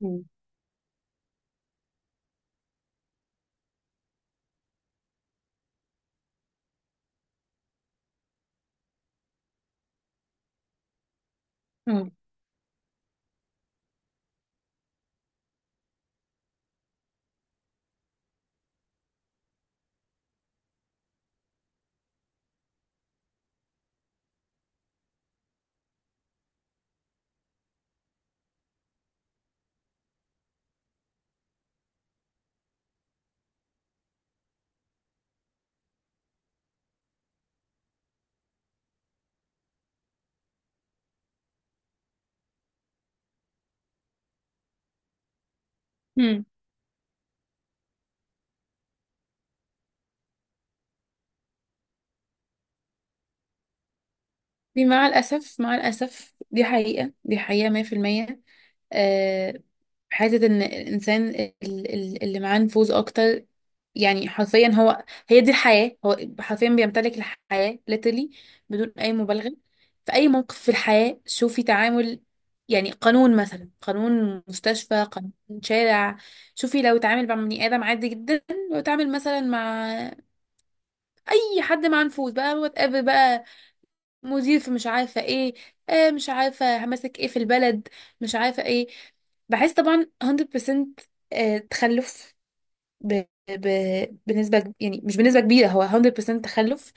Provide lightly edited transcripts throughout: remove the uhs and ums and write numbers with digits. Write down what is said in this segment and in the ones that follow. مم. مم. مم. دي مع الأسف مع الأسف دي حقيقة دي حقيقة 100%. آه، حتة إن الإنسان اللي معاه نفوذ أكتر، يعني حرفيا هو هي دي الحياة، هو حرفيا بيمتلك الحياة literally، بدون أي مبالغة. في أي موقف في الحياة شوفي تعامل، يعني قانون مثلا، قانون مستشفى، قانون شارع. شوفي لو اتعامل مع بني آدم عادي جدا، لو اتعامل مثلا مع أي حد مع نفوذ بقى، وات ايفر بقى، مدير في مش عارفة ايه، آه مش عارفة همسك ايه في البلد، مش عارفة ايه، بحس طبعا 100%. آه، تخلف. ب... ب... بنسبة يعني مش بنسبة كبيرة، هو 100% تخلف.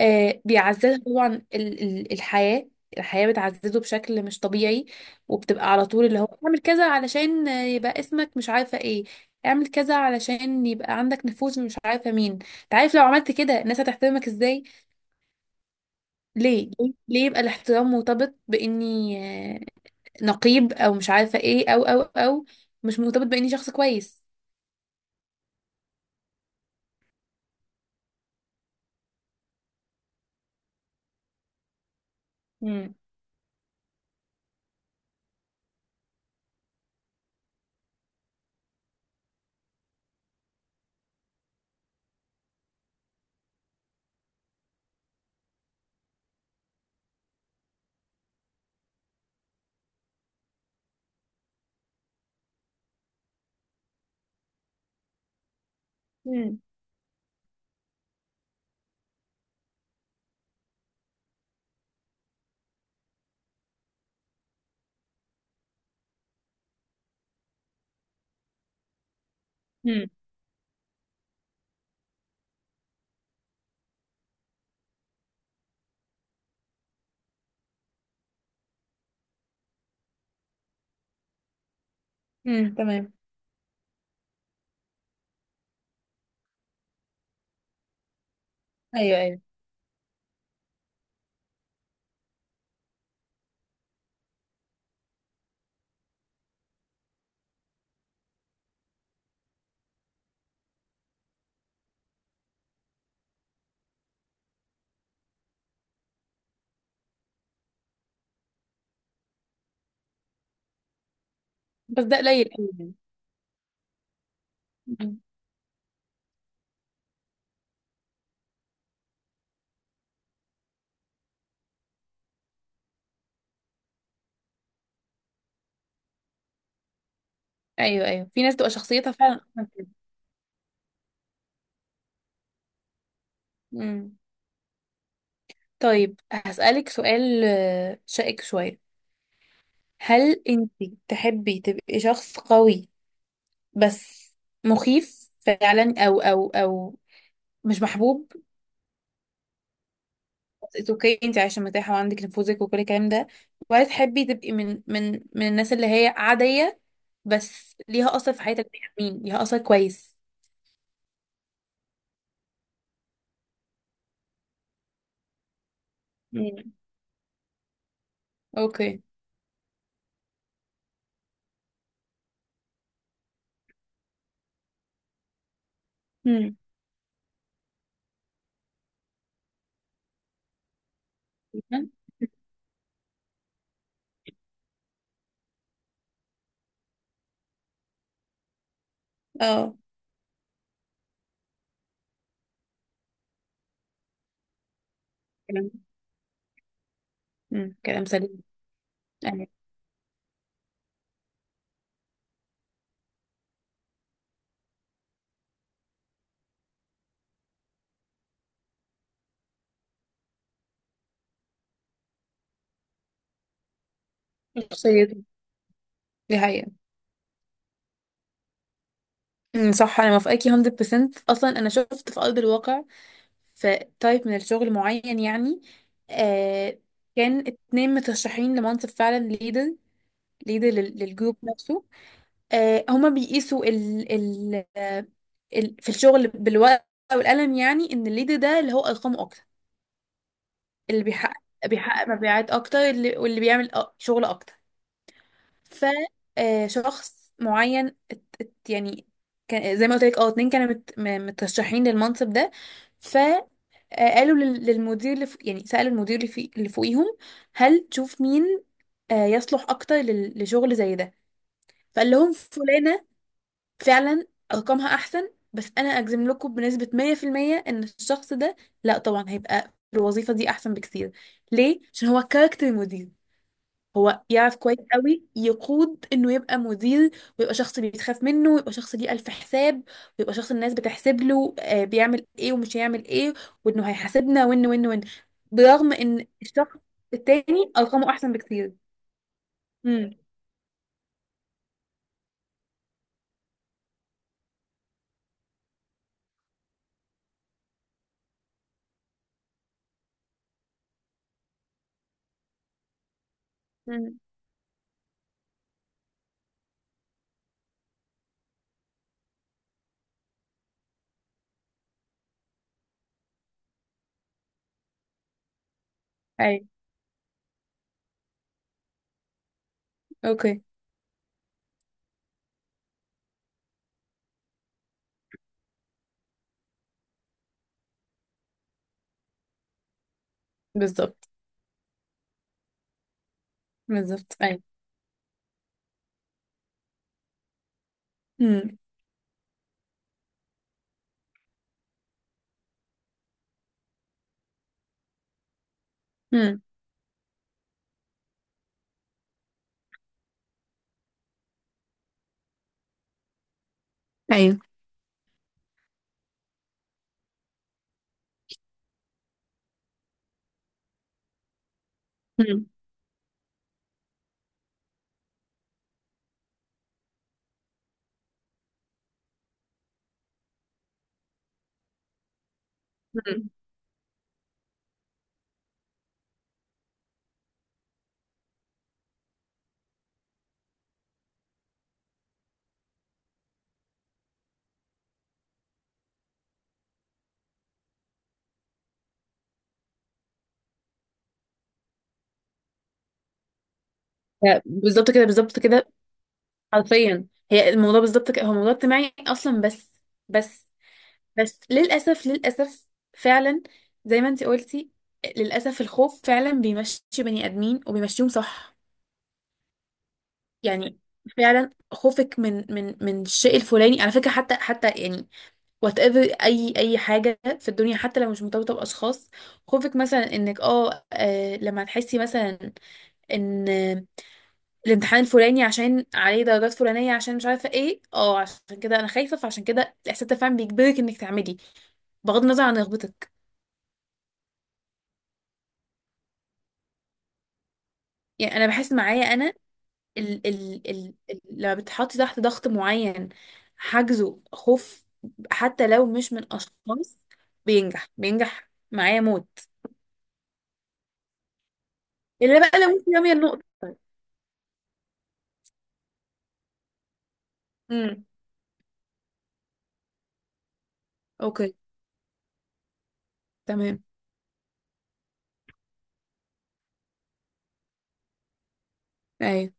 آه، بيعزز طبعا الحياة، الحياة بتعززه بشكل مش طبيعي، وبتبقى على طول اللي هو اعمل كذا علشان آه، يبقى اسمك مش عارفة ايه، اعمل كذا علشان يبقى عندك نفوذ، مش عارفة مين، انت عارف لو عملت كده الناس هتحترمك ازاي. ليه يبقى الاحترام مرتبط باني آه، نقيب او مش عارفه ايه او مش مرتبط باني شخص كويس. امم. امم. امم. امم، تمام. ايوه، ايوه. بس ده قليل قوي يعني. مم. ايوه ايوه، في ناس تبقى شخصيتها فعلا أصلاً كده. مم. طيب هسألك سؤال آه، شائك شويه. هل انت تحبي تبقي شخص قوي بس مخيف فعلا او مش محبوب؟ اتس اوكي، انت عايشه مرتاحه وعندك نفوذك وكل الكلام ده. وعايز تحبي تبقي من الناس اللي هي عاديه بس ليها اثر في حياتك، بني آدمين ليها اثر كويس. امم. اوكي. امم. اه كلام. امم، كلام سليم يعني. شخصيته. دي حقيقة. امم، صح، انا موافقاكي 100%. اصلا انا شفت في ارض الواقع، في تايب من الشغل معين يعني. آه، كان 2 مترشحين لمنصب فعلا، ليدر، ليدر للجروب نفسه. آه، هما بيقيسوا ال آه، ال في الشغل بالورقة والقلم، يعني ان الليد ده اللي هو ارقامه اكتر، اللي بيحقق، بيحقق مبيعات اكتر، واللي بيعمل شغل اكتر. ف آه، شخص معين يعني كان زي ما قلت لك، اه 2 كانوا مترشحين للمنصب ده. فقالوا للمدير اللي فوق، يعني سألوا المدير اللي فوقيهم، هل تشوف مين آه، يصلح اكتر لشغل زي ده؟ فقال لهم فلانة فعلا ارقامها احسن، بس انا اجزم لكم بنسبة 100% ان الشخص ده، لا طبعا هيبقى في الوظيفة دي احسن بكتير. ليه؟ عشان هو كاركتر مدير. هو يعرف كويس قوي يقود، انه يبقى مدير، ويبقى شخص بيتخاف منه، ويبقى شخص ليه الف حساب، ويبقى شخص الناس بتحسب له آه، بيعمل ايه ومش هيعمل ايه، وانه هيحاسبنا وان، برغم ان الشخص التاني ارقامه احسن بكتير. امم. امم. اي. اوكي. بالظبط، بالظبط. اي. امم. امم. مم. مم. ف- بالظبط كده، بالظبط كده. حرفيا، هي الموضوع بالظبط كده، هو موضوع اجتماعي اصلا. بس. بس. بس للاسف، فعلا زي ما انت قلتي، للاسف الخوف فعلا بيمشي بني ادمين وبيمشيهم صح يعني. فعلا خوفك من الشيء الفلاني، على فكره، حتى يعني وات ايفر، اي حاجه في الدنيا، حتى لو مش مرتبطه باشخاص. خوفك مثلا انك اه آه، لما تحسي مثلا ان الامتحان الفلاني عشان عليه درجات فلانية، عشان مش عارفة ايه، اه عشان كده انا خايفة، فعشان كده الاحساس ده فعلا بيجبرك انك تعملي، بغض النظر عن رغبتك. يعني انا بحس معايا انا ال لما بتحطي تحت ضغط معين، حاجزه خوف، حتى لو مش من اشخاص، بينجح، بينجح معايا موت. الا بقى لو ممكن رامية النقطة. امم. اوكي. تمام. ايوه.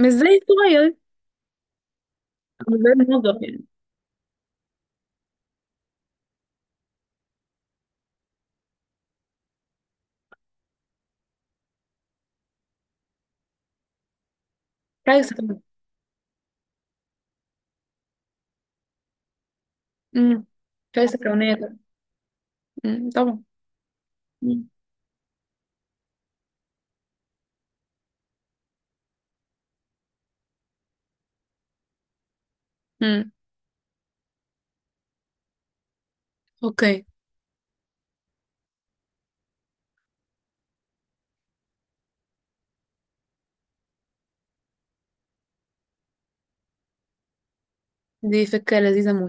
مش زي الصغير. مش زي الموظف يعني. كارثة كمان. امم. كارثة كونية طبعا. امم، طبعا. امم. اوكي. دي فكرة لذيذة موت.